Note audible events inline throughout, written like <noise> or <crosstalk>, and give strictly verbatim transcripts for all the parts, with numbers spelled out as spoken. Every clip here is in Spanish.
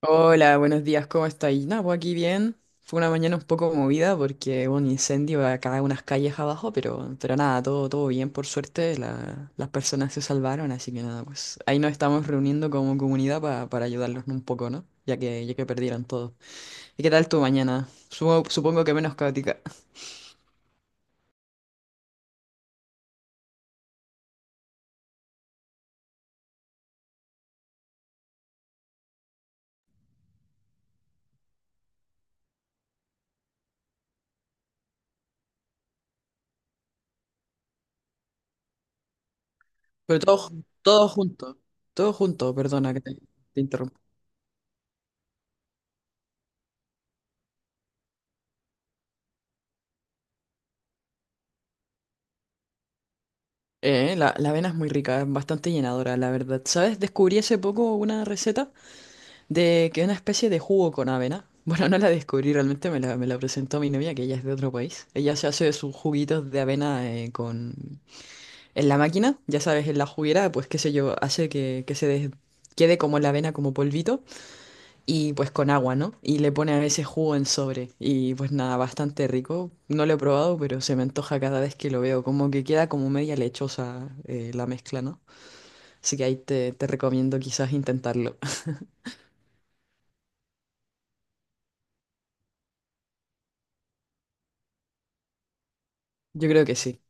Hola, buenos días, ¿cómo estáis? Nada, pues aquí bien. Fue una mañana un poco movida porque hubo un incendio acá unas calles abajo, pero, pero nada, todo, todo bien, por suerte. La- las personas se salvaron, así que nada, pues ahí nos estamos reuniendo como comunidad pa- para ayudarlos un poco, ¿no? Ya que, ya que perdieron todo. ¿Y qué tal tu mañana? Supo- Supongo que menos caótica. Pero todo, todo junto, todo junto, perdona que te, te interrumpa. Eh, la, la avena es muy rica, es bastante llenadora, la verdad. ¿Sabes? Descubrí hace poco una receta. De que una especie de jugo con avena. <laughs> Bueno, no la descubrí realmente, me la, me la presentó mi novia, que ella es de otro país. Ella se hace sus juguitos de avena eh, con... en la máquina, ya sabes, en la juguera, pues qué sé yo, hace que, que se des- quede como la avena, como polvito, y pues con agua, ¿no? Y le pone a veces jugo en sobre. Y pues nada, bastante rico. No lo he probado, pero se me antoja cada vez que lo veo. Como que queda como media lechosa eh, la mezcla, ¿no? Así que ahí te, te recomiendo quizás intentarlo. <laughs> Yo creo que sí.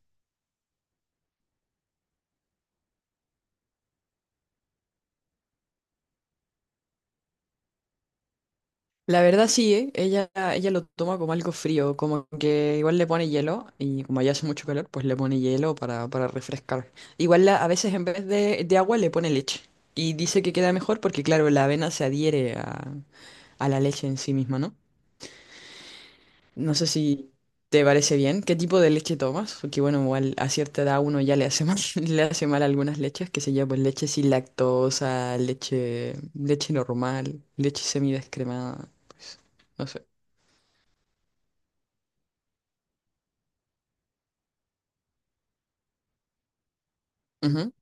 La verdad sí, ¿eh? Ella, ella lo toma como algo frío, como que igual le pone hielo y como ya hace mucho calor, pues le pone hielo para, para refrescar. Igual la- a veces en vez de, de agua le pone leche y dice que queda mejor porque claro, la avena se adhiere a, a la leche en sí misma, ¿no? No sé si te parece bien, ¿qué tipo de leche tomas? Porque bueno, igual a cierta edad uno ya le hace mal, <laughs> le hace mal algunas leches, que se llaman pues leche sin lactosa, leche, leche normal, leche semidescremada, pues no sé. Ujú.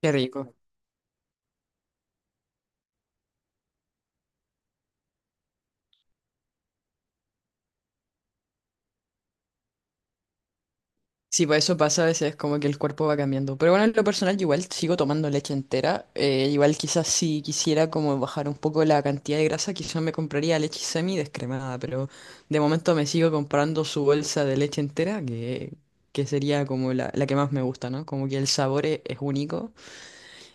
Qué rico. Sí, pues eso pasa a veces, como que el cuerpo va cambiando. Pero bueno, en lo personal, yo igual sigo tomando leche entera. eh, igual quizás si quisiera como bajar un poco la cantidad de grasa, quizás me compraría leche semi descremada, pero de momento me sigo comprando su bolsa de leche entera, que, que sería como la, la que más me gusta, ¿no? Como que el sabor e- es único.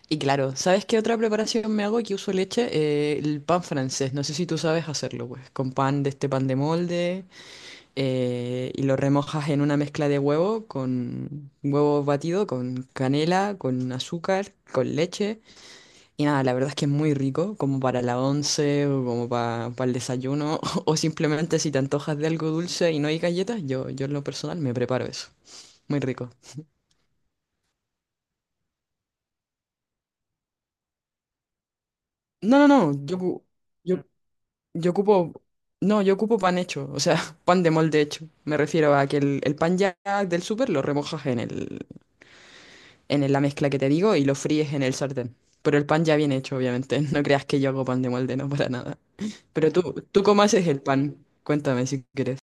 Y claro, ¿sabes qué otra preparación me hago que uso leche? Eh, el pan francés. No sé si tú sabes hacerlo, pues, con pan de este pan de molde. Eh, y lo remojas en una mezcla de huevo con huevo batido, con canela, con azúcar, con leche. Y nada, la verdad es que es muy rico, como para la once o como para el desayuno, <laughs> o simplemente si te antojas de algo dulce y no hay galletas, yo, yo en lo personal me preparo eso. Muy rico. No, no, no, yo, ocu- yo, yo ocupo... No, yo ocupo pan hecho, o sea, <laughs> pan de molde hecho. Me refiero a que el, el pan ya del súper lo remojas en el, en la mezcla que te digo y lo fríes en el sartén. Pero el pan ya bien hecho, obviamente. <laughs> No creas que yo hago pan de molde, no para nada. Pero tú, ¿tú cómo haces el pan? Cuéntame si quieres.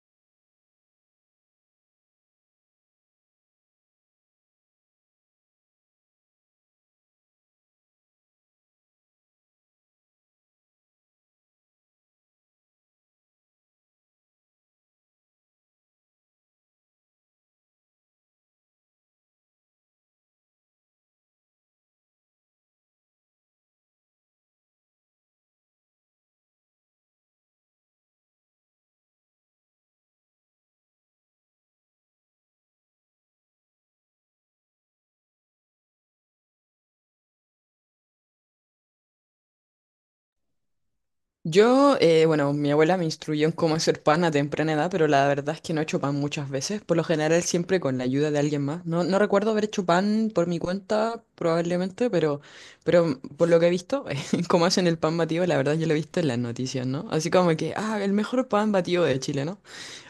Yo, eh, bueno, mi abuela me instruyó en cómo hacer pan a temprana edad, pero la verdad es que no he hecho pan muchas veces, por lo general siempre con la ayuda de alguien más. No, no recuerdo haber hecho pan por mi cuenta, probablemente, pero, pero por lo que he visto, <laughs> cómo hacen el pan batido, la verdad yo lo he visto en las noticias, ¿no? Así como que, ah, el mejor pan batido de Chile, ¿no?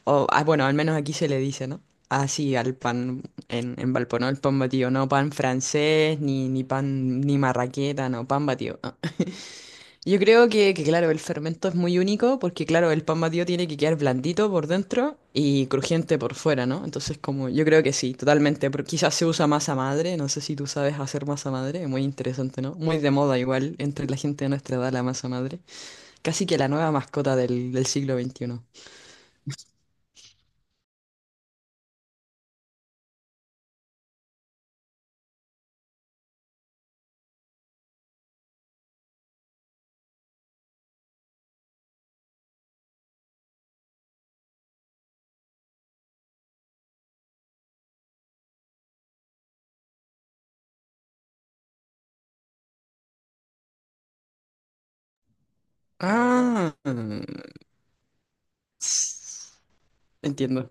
O, ah, bueno, al menos aquí se le dice, ¿no? Así al pan en, en Valpo, ¿no? El pan batido, no pan francés, ni, ni pan, ni marraqueta, no, pan batido. Ah. Yo creo que, que, claro, el fermento es muy único porque, claro, el pan batido tiene que quedar blandito por dentro y crujiente por fuera, ¿no? Entonces, como, yo creo que sí, totalmente, pero quizás se usa masa madre, no sé si tú sabes hacer masa madre, muy interesante, ¿no? Muy de moda igual entre la gente de nuestra edad la masa madre, casi que la nueva mascota del, del siglo veintiuno. Ah. Entiendo.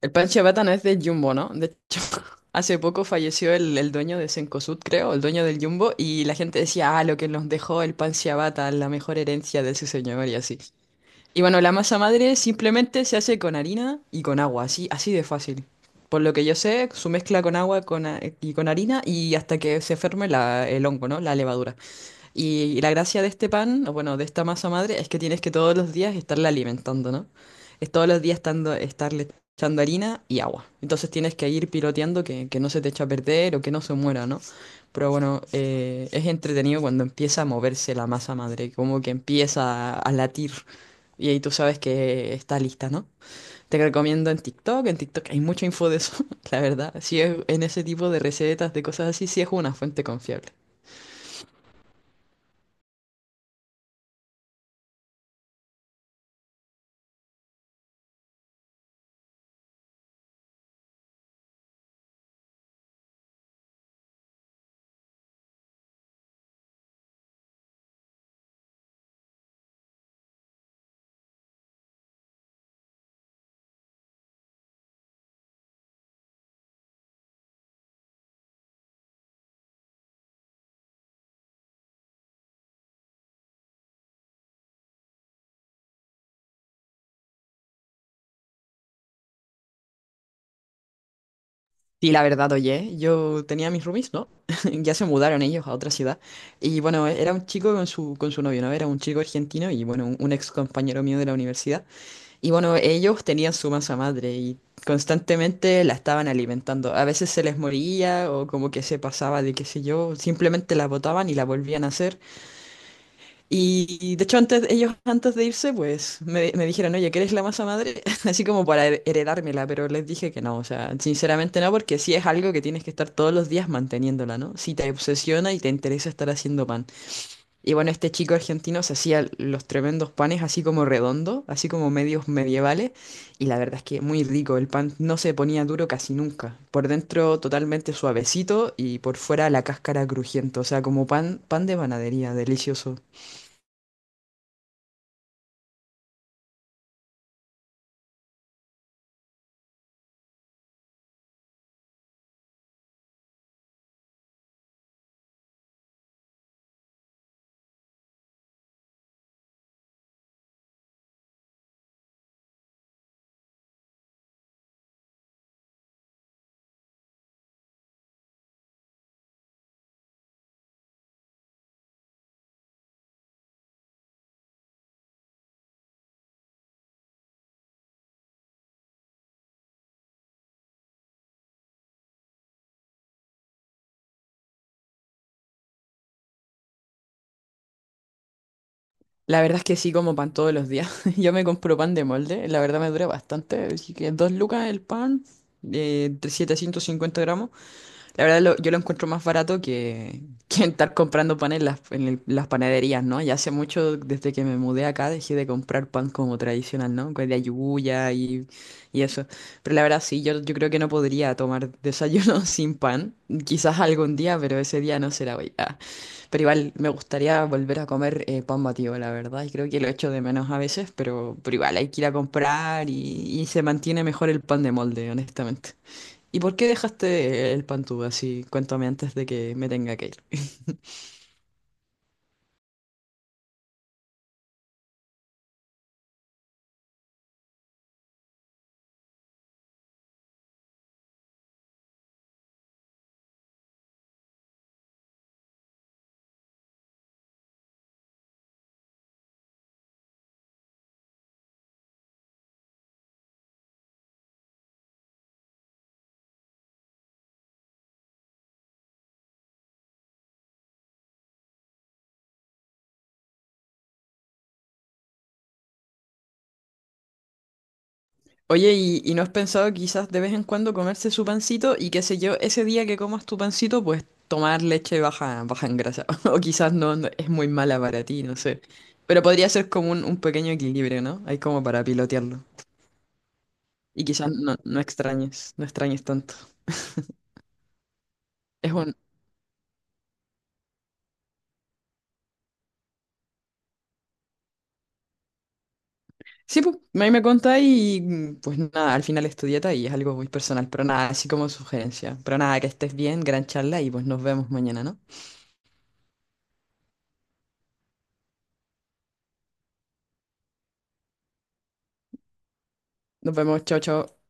El pan ciabatta no es de Jumbo, ¿no? De hecho, <laughs> hace poco falleció el, el dueño de Cencosud, creo, el dueño del Jumbo, y la gente decía, ah, lo que nos dejó el pan ciabatta, la mejor herencia de su señor y así. Y bueno, la masa madre simplemente se hace con harina y con agua, así, así de fácil. Por lo que yo sé, su mezcla con agua con, a- y con harina y hasta que se ferme la- el hongo, ¿no? La levadura. Y la gracia de este pan, o bueno, de esta masa madre, es que tienes que todos los días estarla alimentando, ¿no? Es todos los días estando, estarle echando harina y agua. Entonces tienes que ir piloteando que, que no se te eche a perder o que no se muera, ¿no? Pero bueno, eh, es entretenido cuando empieza a moverse la masa madre, como que empieza a, a latir. Y ahí tú sabes que está lista, ¿no? Te recomiendo en TikTok, en TikTok hay mucha info de eso, <laughs> la verdad. Si es en ese tipo de recetas, de cosas así, sí es una fuente confiable. Sí, la verdad, oye, yo tenía mis roomies, ¿no? <laughs> Ya se mudaron ellos a otra ciudad. Y bueno, era un chico con su, con su novio, ¿no? Era un chico argentino y bueno, un, un ex compañero mío de la universidad. Y bueno, ellos tenían su masa madre y constantemente la estaban alimentando. A veces se les moría o como que se pasaba de qué sé yo, simplemente la botaban y la volvían a hacer. Y de hecho antes, ellos antes de irse, pues me, me dijeron, oye, ¿quieres la masa madre? <laughs> Así como para her- heredármela, pero les dije que no, o sea, sinceramente no, porque sí es algo que tienes que estar todos los días manteniéndola, ¿no? Si te obsesiona y te interesa estar haciendo pan. Y bueno, este chico argentino se hacía los tremendos panes así como redondo, así como medios medievales, y la verdad es que muy rico, el pan no se ponía duro casi nunca. Por dentro totalmente suavecito y por fuera la cáscara crujiente, o sea, como pan, pan de panadería, delicioso. La verdad es que sí como pan todos los días. <laughs> Yo me compro pan de molde, la verdad me dura bastante. Así que dos lucas el pan, eh, setecientos cincuenta gramos. La verdad, lo- yo lo encuentro más barato que, que estar comprando pan en las, en el- las panaderías, ¿no? Ya hace mucho, desde que me mudé acá, dejé de comprar pan como tradicional, ¿no? Con la yuya y, y eso. Pero la verdad, sí, yo, yo creo que no podría tomar desayuno <laughs> sin pan. Quizás algún día, pero ese día no será hoy. Ah. Pero igual, me gustaría volver a comer eh, pan batido, la verdad. Y creo que lo echo de menos a veces, pero, pero igual, hay que ir a comprar y, y se mantiene mejor el pan de molde, honestamente. ¿Y por qué dejaste el Pantú así? Cuéntame antes de que me tenga que ir. <laughs> Oye, ¿y, ¿y no has pensado quizás de vez en cuando comerse su pancito y qué sé yo, ese día que comas tu pancito, pues tomar leche baja, baja en grasa? <laughs> O quizás no, no- es muy mala para ti, no sé. Pero podría ser como un, un pequeño equilibrio, ¿no? Hay como para pilotearlo. Y quizás no, no extrañes, no extrañes tanto. Es un, Sí, pues, ahí me contás y mm, pues nada, al final es tu dieta y es algo muy personal, pero nada, así como sugerencia. Pero nada, que estés bien, gran charla y pues nos vemos mañana, ¿no? Nos vemos, chao, chao.